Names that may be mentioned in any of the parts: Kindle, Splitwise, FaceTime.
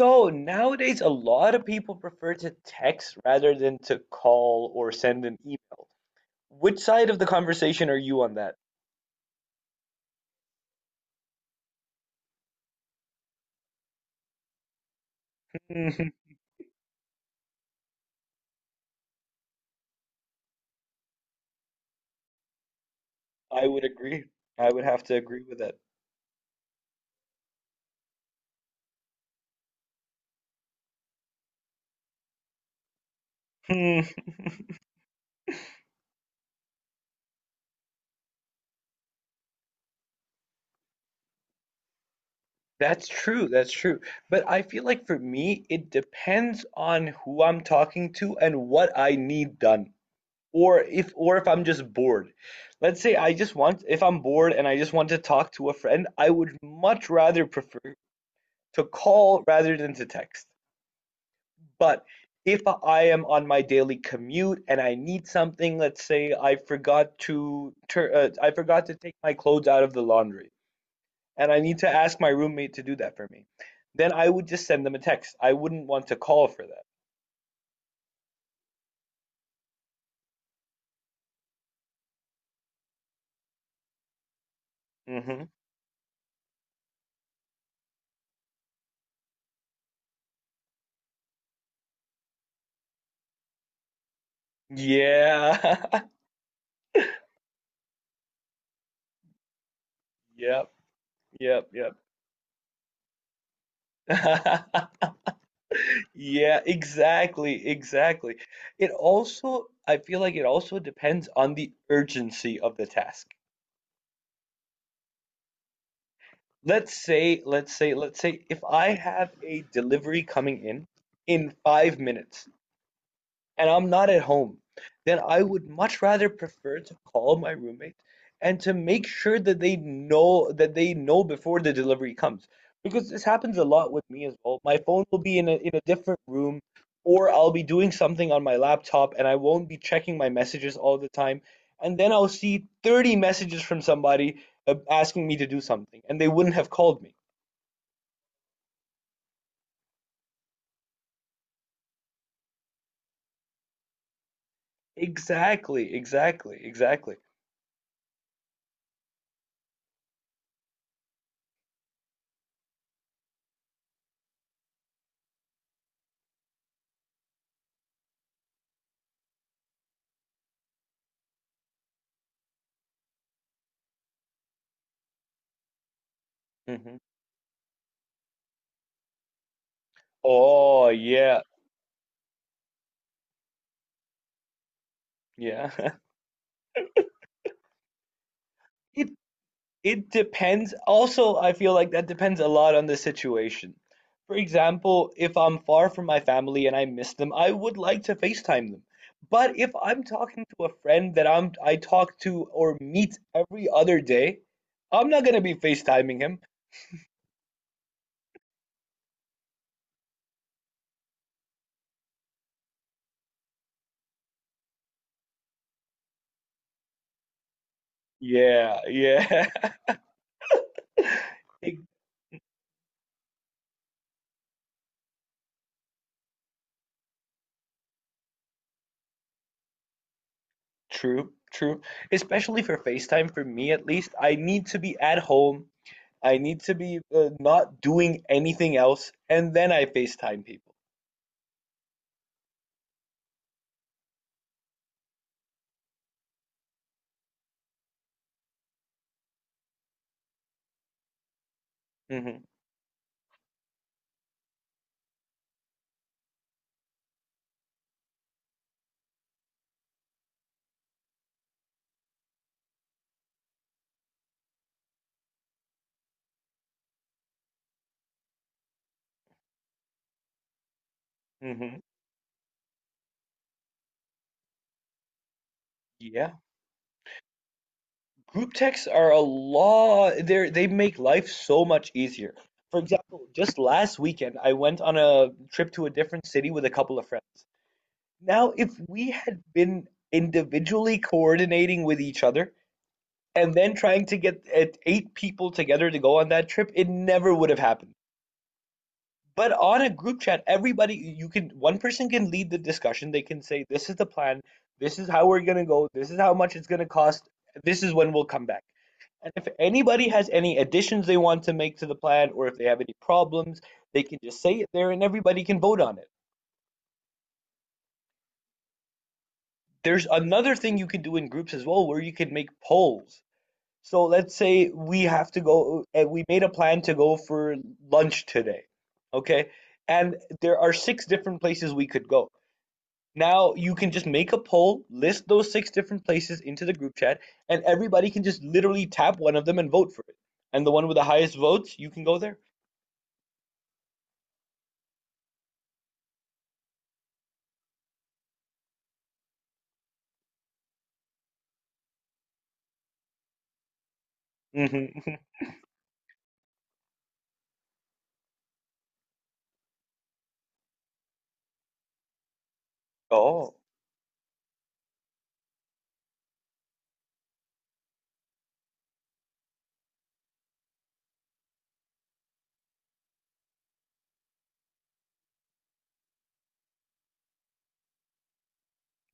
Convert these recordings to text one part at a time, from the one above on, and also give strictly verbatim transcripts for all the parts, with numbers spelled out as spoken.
So nowadays, a lot of people prefer to text rather than to call or send an email. Which side of the conversation are you on that? Mhm. I would agree. I would have to agree with that. Hmm. That's true. That's true. But I feel like for me, it depends on who I'm talking to and what I need done. Or if or if I'm just bored. Let's say I just want, if I'm bored and I just want to talk to a friend, I would much rather prefer to call rather than to text. But if I am on my daily commute and I need something, let's say I forgot to tur uh, I forgot to take my clothes out of the laundry, and I need to ask my roommate to do that for me, then I would just send them a text. I wouldn't want to call for that. Hmm. Yeah. Yep. Yep. Yep. Yeah, exactly, exactly. It also, I feel like it also depends on the urgency of the task. Let's say, let's say, let's say if I have a delivery coming in in five minutes and I'm not at home, then I would much rather prefer to call my roommate and to make sure that they know that they know before the delivery comes. Because this happens a lot with me as well. My phone will be in a in a different room, or I'll be doing something on my laptop and I won't be checking my messages all the time. And then I'll see thirty messages from somebody uh, asking me to do something, and they wouldn't have called me. Exactly, exactly, exactly. Mhm. Oh, yeah. Yeah. It it depends. Also, I feel like that depends a lot on the situation. For example, if I'm far from my family and I miss them, I would like to FaceTime them. But if I'm talking to a friend that I'm I talk to or meet every other day, I'm not gonna be FaceTiming him. Yeah, yeah. True, true. Especially for FaceTime, for me at least, I need to be at home. I need to be uh, not doing anything else, and then I FaceTime people. Hmm. Hmm. Yeah. Group texts are a law. They're they make life so much easier. For example, just last weekend, I went on a trip to a different city with a couple of friends. Now, if we had been individually coordinating with each other, and then trying to get uh, eight people together to go on that trip, it never would have happened. But on a group chat, everybody you can one person can lead the discussion. They can say, "This is the plan. This is how we're gonna go. This is how much it's gonna cost. This is when we'll come back." And if anybody has any additions they want to make to the plan, or if they have any problems, they can just say it there, and everybody can vote on it. There's another thing you can do in groups as well, where you can make polls. So let's say we have to go, and we made a plan to go for lunch today, okay? And there are six different places we could go. Now you can just make a poll, list those six different places into the group chat, and everybody can just literally tap one of them and vote for it. And the one with the highest votes, you can go there. Hmm. Oh,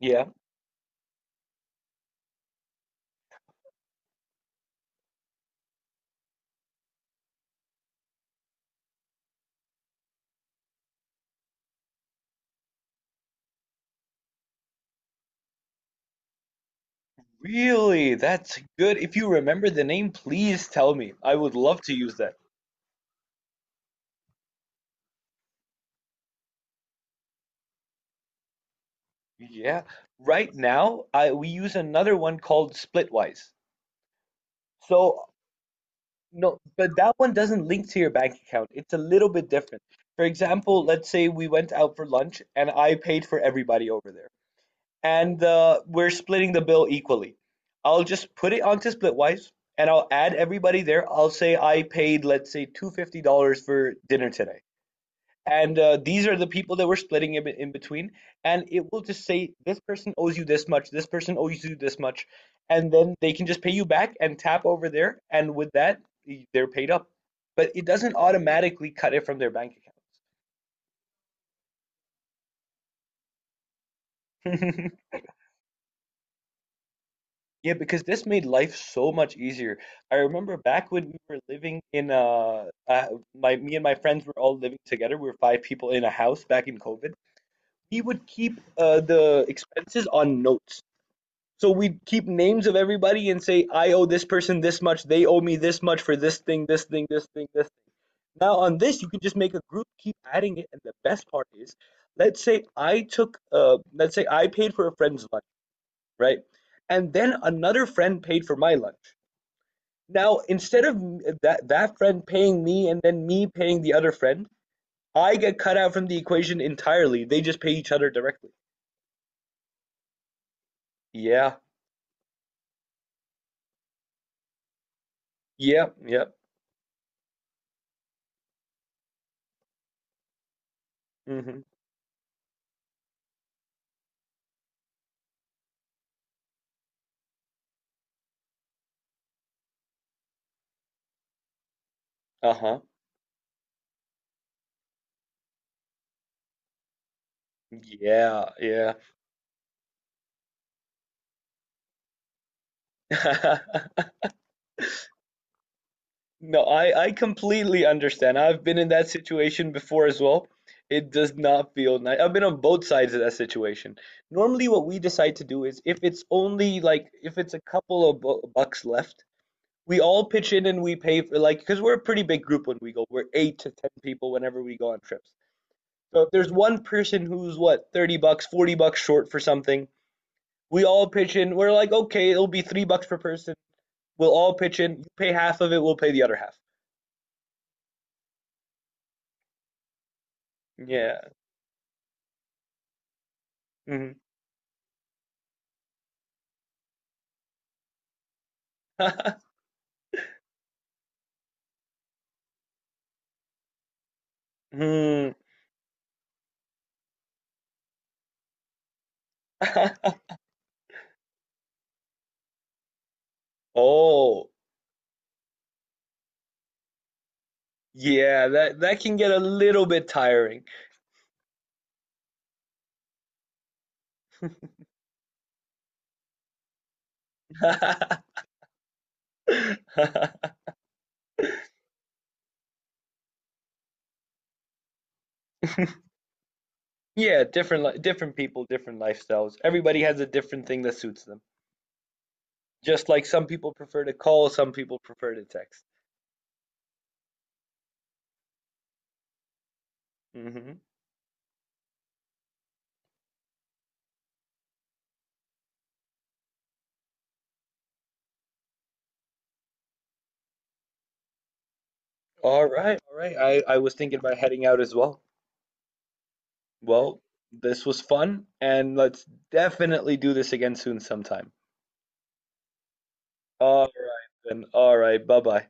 yeah. Really? That's good. If you remember the name, please tell me. I would love to use that. Yeah. Right now, I we use another one called Splitwise. So no, but that one doesn't link to your bank account. It's a little bit different. For example, let's say we went out for lunch and I paid for everybody over there, and uh, we're splitting the bill equally. I'll just put it onto Splitwise and I'll add everybody there. I'll say I paid, let's say, two hundred fifty dollars for dinner today, and uh, these are the people that we're splitting in, in between. And it will just say this person owes you this much, this person owes you this much, and then they can just pay you back and tap over there, and with that they're paid up. But it doesn't automatically cut it from their bank account. Yeah, because this made life so much easier. I remember back when we were living in uh, uh my me and my friends were all living together. We were five people in a house back in COVID. We would keep uh, the expenses on notes. So we keep names of everybody and say, I owe this person this much, they owe me this much for this thing, this thing, this thing, this thing. Now on this, you can just make a group, keep adding it, and the best part is, let's say I took, uh, let's say I paid for a friend's lunch, right? And then another friend paid for my lunch. Now instead of that that friend paying me and then me paying the other friend, I get cut out from the equation entirely. They just pay each other directly. Yeah, yeah, yeah. Hmm. Uh-huh. Yeah, yeah. No, I, I completely understand. I've been in that situation before as well. It does not feel nice. I've been on both sides of that situation. Normally, what we decide to do is if it's only like if it's a couple of bu bucks left, we all pitch in and we pay for, like, because we're a pretty big group when we go. We're eight to ten people whenever we go on trips. So if there's one person who's what, thirty bucks, forty bucks short for something, we all pitch in. We're like, okay, it'll be three bucks per person. We'll all pitch in. You pay half of it, we'll pay the other half. Yeah. Mhm. Mm. Oh, yeah, that that can get a little bit tiring. Yeah, different li different people, different lifestyles. Everybody has a different thing that suits them. Just like some people prefer to call, some people prefer to text. Mhm. All right, all right. I I was thinking about heading out as well. Well, this was fun, and let's definitely do this again soon sometime. All right, then. All right. Bye-bye.